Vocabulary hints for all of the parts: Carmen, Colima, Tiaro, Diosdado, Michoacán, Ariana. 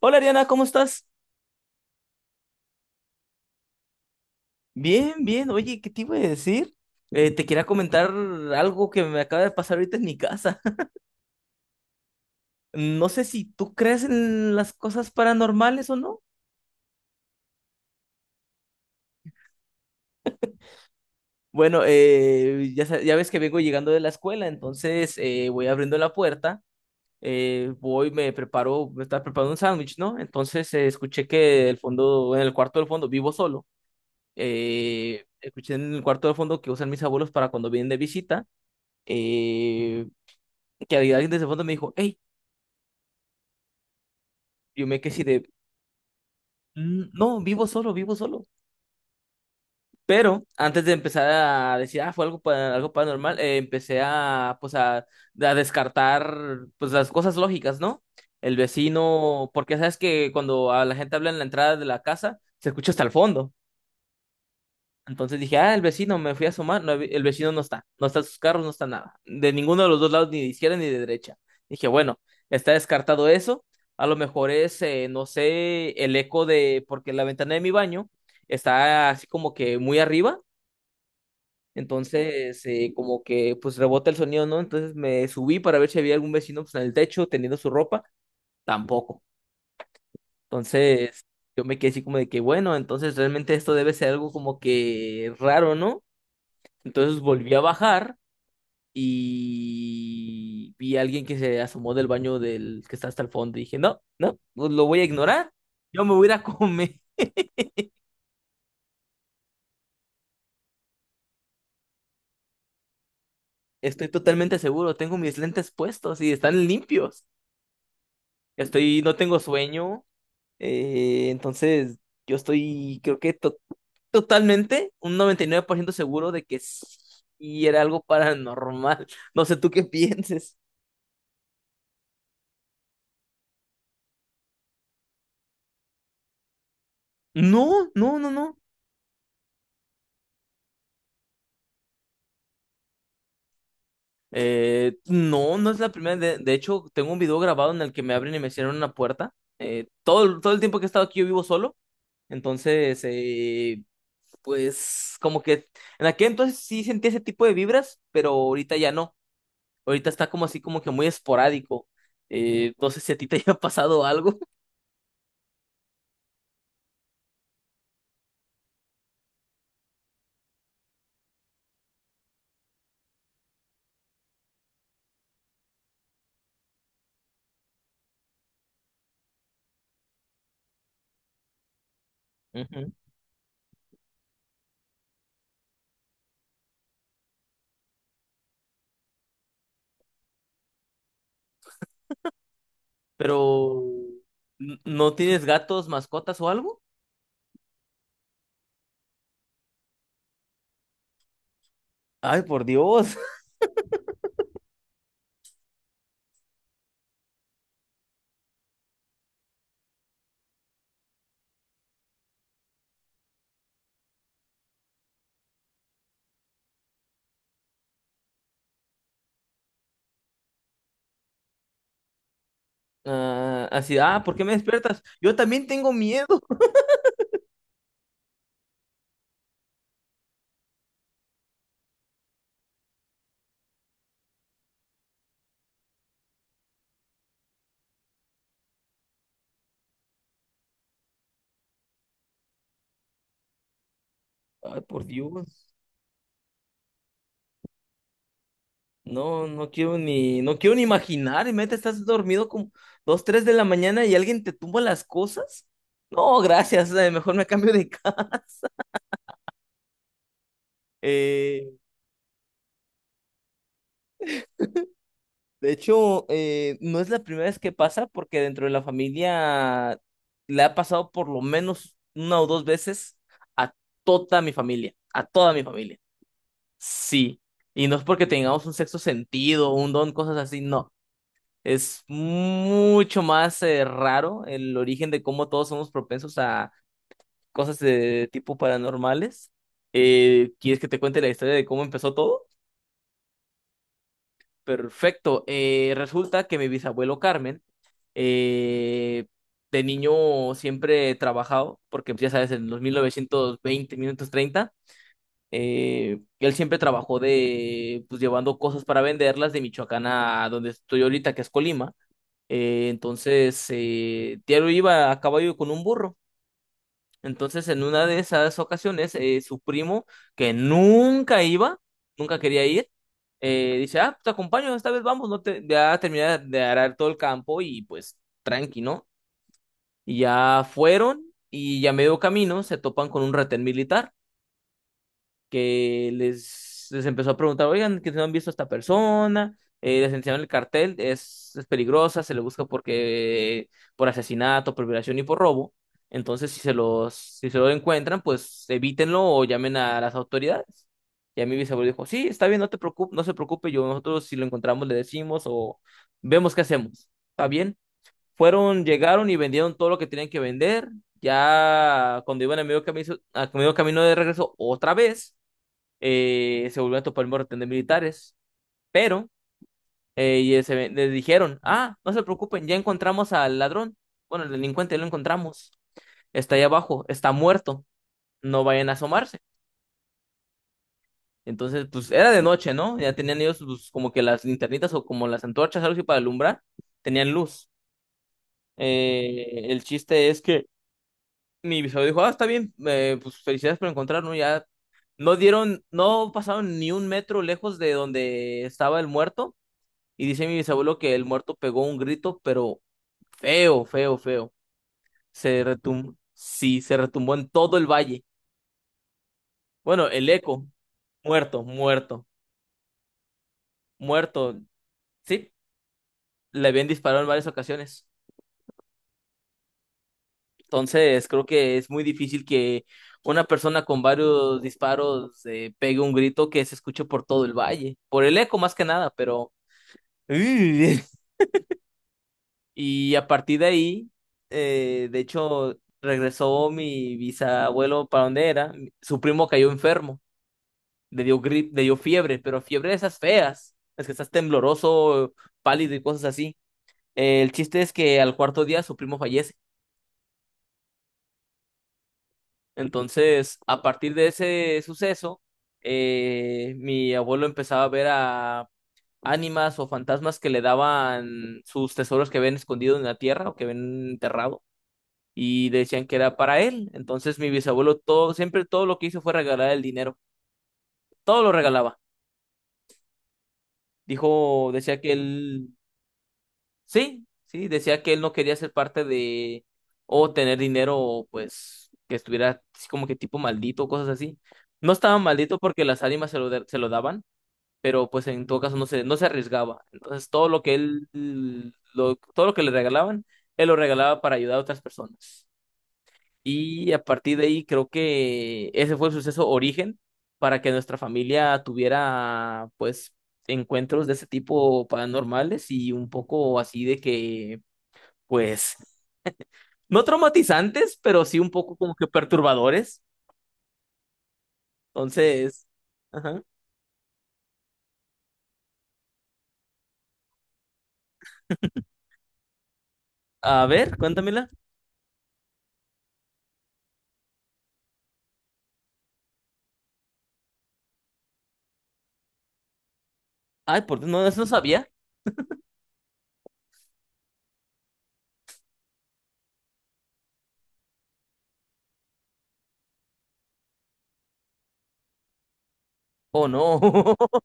Hola Ariana, ¿cómo estás? Bien, bien. Oye, ¿qué te iba a decir? Te quería comentar algo que me acaba de pasar ahorita en mi casa. No sé si tú crees en las cosas paranormales o no. Bueno, ya, ya ves que vengo llegando de la escuela, entonces voy abriendo la puerta, voy, me preparo, me estaba preparando un sándwich, ¿no? Entonces escuché que el fondo, en el cuarto del fondo, vivo solo. Escuché en el cuarto del fondo que usan mis abuelos para cuando vienen de visita. Eh, que alguien desde el fondo me dijo, hey, yo me quedé así de, "Mm, no, vivo solo, vivo solo". Pero antes de empezar a decir, ah, fue algo, algo paranormal, empecé a, pues, a descartar, pues, las cosas lógicas, ¿no? El vecino, porque sabes que cuando a la gente habla en la entrada de la casa, se escucha hasta el fondo. Entonces dije, ah, el vecino, me fui a asomar, no, el vecino no está, no está sus carros, no está nada, de ninguno de los dos lados, ni de izquierda ni de derecha. Dije, bueno, está descartado eso, a lo mejor es, no sé, el eco de, porque la ventana de mi baño está así como que muy arriba, entonces como que pues rebota el sonido, ¿no? Entonces me subí para ver si había algún vecino pues, en el techo teniendo su ropa, tampoco. Entonces yo me quedé así como de que, bueno, entonces realmente esto debe ser algo como que raro, ¿no? Entonces volví a bajar y vi a alguien que se asomó del baño del que está hasta el fondo. Y dije, no, no, pues lo voy a ignorar. Yo me voy a ir a comer. Estoy totalmente seguro. Tengo mis lentes puestos y están limpios. Estoy, no tengo sueño. eh, entonces, yo estoy, creo que totalmente, un 99% seguro de que sí era algo paranormal. No sé tú qué pienses. No, no, no, no. No, no es la primera. De hecho, tengo un video grabado en el que me abren y me cierran una puerta. Todo, todo el tiempo que he estado aquí yo vivo solo. Entonces, pues como que en aquel entonces sí sentía ese tipo de vibras, pero ahorita ya no. Ahorita está como así como que muy esporádico. No sé si a ti te haya pasado algo. Ujú. Pero ¿no tienes gatos, mascotas o algo? Ay, por Dios. Ah, así, ah, ¿por qué me despiertas? Yo también tengo miedo. Ay, por Dios. No, no quiero ni, no quiero ni imaginar. Y meta, estás dormido como dos, tres de la mañana y alguien te tumba las cosas. No, gracias. Mejor me cambio de casa. Eh, de hecho, no es la primera vez que pasa, porque dentro de la familia le ha pasado por lo menos una o dos veces a toda mi familia. A toda mi familia. Sí. Y no es porque tengamos un sexto sentido, un don, cosas así, no. Es mucho más raro el origen de cómo todos somos propensos a cosas de tipo paranormales. ¿Quieres que te cuente la historia de cómo empezó todo? Perfecto. Resulta que mi bisabuelo Carmen, eh, de niño siempre he trabajado, porque pues, ya sabes, en los 1920, 1930, él siempre trabajó de, pues llevando cosas para venderlas de Michoacán a donde estoy ahorita, que es Colima. Tiaro iba a caballo con un burro. Entonces, en una de esas ocasiones, su primo, que nunca iba, nunca quería ir, dice, ah, te acompaño, esta vez vamos, no te, ya terminé de arar todo el campo y pues tranqui, ¿no? Y ya fueron y ya medio camino se topan con un retén militar que les empezó a preguntar, oigan, que no han visto a esta persona, les enseñaron el cartel, es peligrosa, se le busca porque por asesinato, por violación y por robo. Entonces, si se los, si se lo encuentran, pues evítenlo o llamen a las autoridades. Y a mi bisabuelo dijo, sí, está bien, no te preocupes, no se preocupe, yo nosotros si lo encontramos le decimos o vemos qué hacemos. Está bien. Fueron, llegaron y vendieron todo lo que tenían que vender. Ya cuando iban a medio camino de regreso otra vez, se volvió a topar el montón de militares, pero les dijeron, ah, no se preocupen, ya encontramos al ladrón, bueno, el delincuente ya lo encontramos, está ahí abajo, está muerto, no vayan a asomarse. Entonces, pues era de noche, ¿no? Ya tenían ellos pues, como que las linternitas o como las antorchas, algo así para alumbrar, tenían luz. El chiste es que mi bisabuelo dijo, ah, está bien, pues felicidades por encontrarnos, ya no dieron, no pasaron ni un metro lejos de donde estaba el muerto. Y dice mi bisabuelo que el muerto pegó un grito, pero feo, feo, feo. Se retumbó, sí, se retumbó en todo el valle. Bueno, el eco, muerto, muerto, muerto. Sí, le habían disparado en varias ocasiones. Entonces, creo que es muy difícil que una persona con varios disparos pegue un grito que se escuche por todo el valle. Por el eco más que nada, pero... Y a partir de ahí, de hecho, regresó mi bisabuelo para donde era. Su primo cayó enfermo, le dio grip, le dio fiebre, pero fiebre de esas feas. Es que estás tembloroso, pálido y cosas así. El chiste es que al cuarto día su primo fallece. Entonces, a partir de ese suceso, mi abuelo empezaba a ver a ánimas o fantasmas que le daban sus tesoros que ven escondidos en la tierra o que ven enterrados. Y decían que era para él. Entonces mi bisabuelo todo, siempre todo lo que hizo fue regalar el dinero, todo lo regalaba. Dijo, decía que él, sí, sí, decía que él no quería ser parte de o tener dinero, pues que estuviera así como que tipo maldito, cosas así. No estaba maldito porque las ánimas se lo daban, pero pues en todo caso no se, no se arriesgaba. Entonces todo lo que él, lo, todo lo que le regalaban, él lo regalaba para ayudar a otras personas. Y a partir de ahí creo que ese fue el suceso origen para que nuestra familia tuviera pues encuentros de ese tipo paranormales y un poco así de que pues no traumatizantes, pero sí un poco como que perturbadores. Entonces, ajá. A ver, cuéntamela. Ay, por Dios, no, eso no sabía. Oh, no.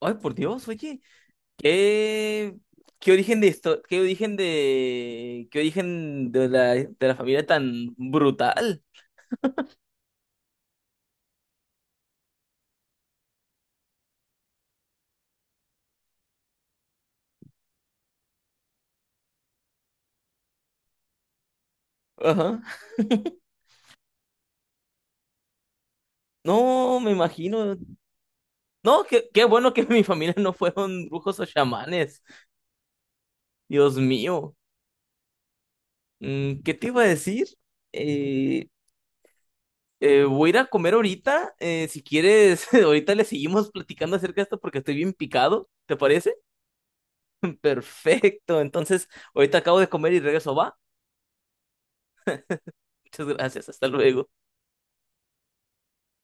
Ay, por Dios, oye, qué. ¿Qué origen de esto? Qué origen de de la familia tan brutal? Ajá. No, me imagino. No, qué, qué bueno que mi familia no fueron brujos o chamanes. Dios mío. Mm, ¿qué te iba a decir? Eh, voy a ir a comer ahorita. Si quieres, ahorita le seguimos platicando acerca de esto porque estoy bien picado. ¿Te parece? Perfecto. Entonces, ahorita acabo de comer y regreso, ¿va? Muchas gracias. Hasta luego.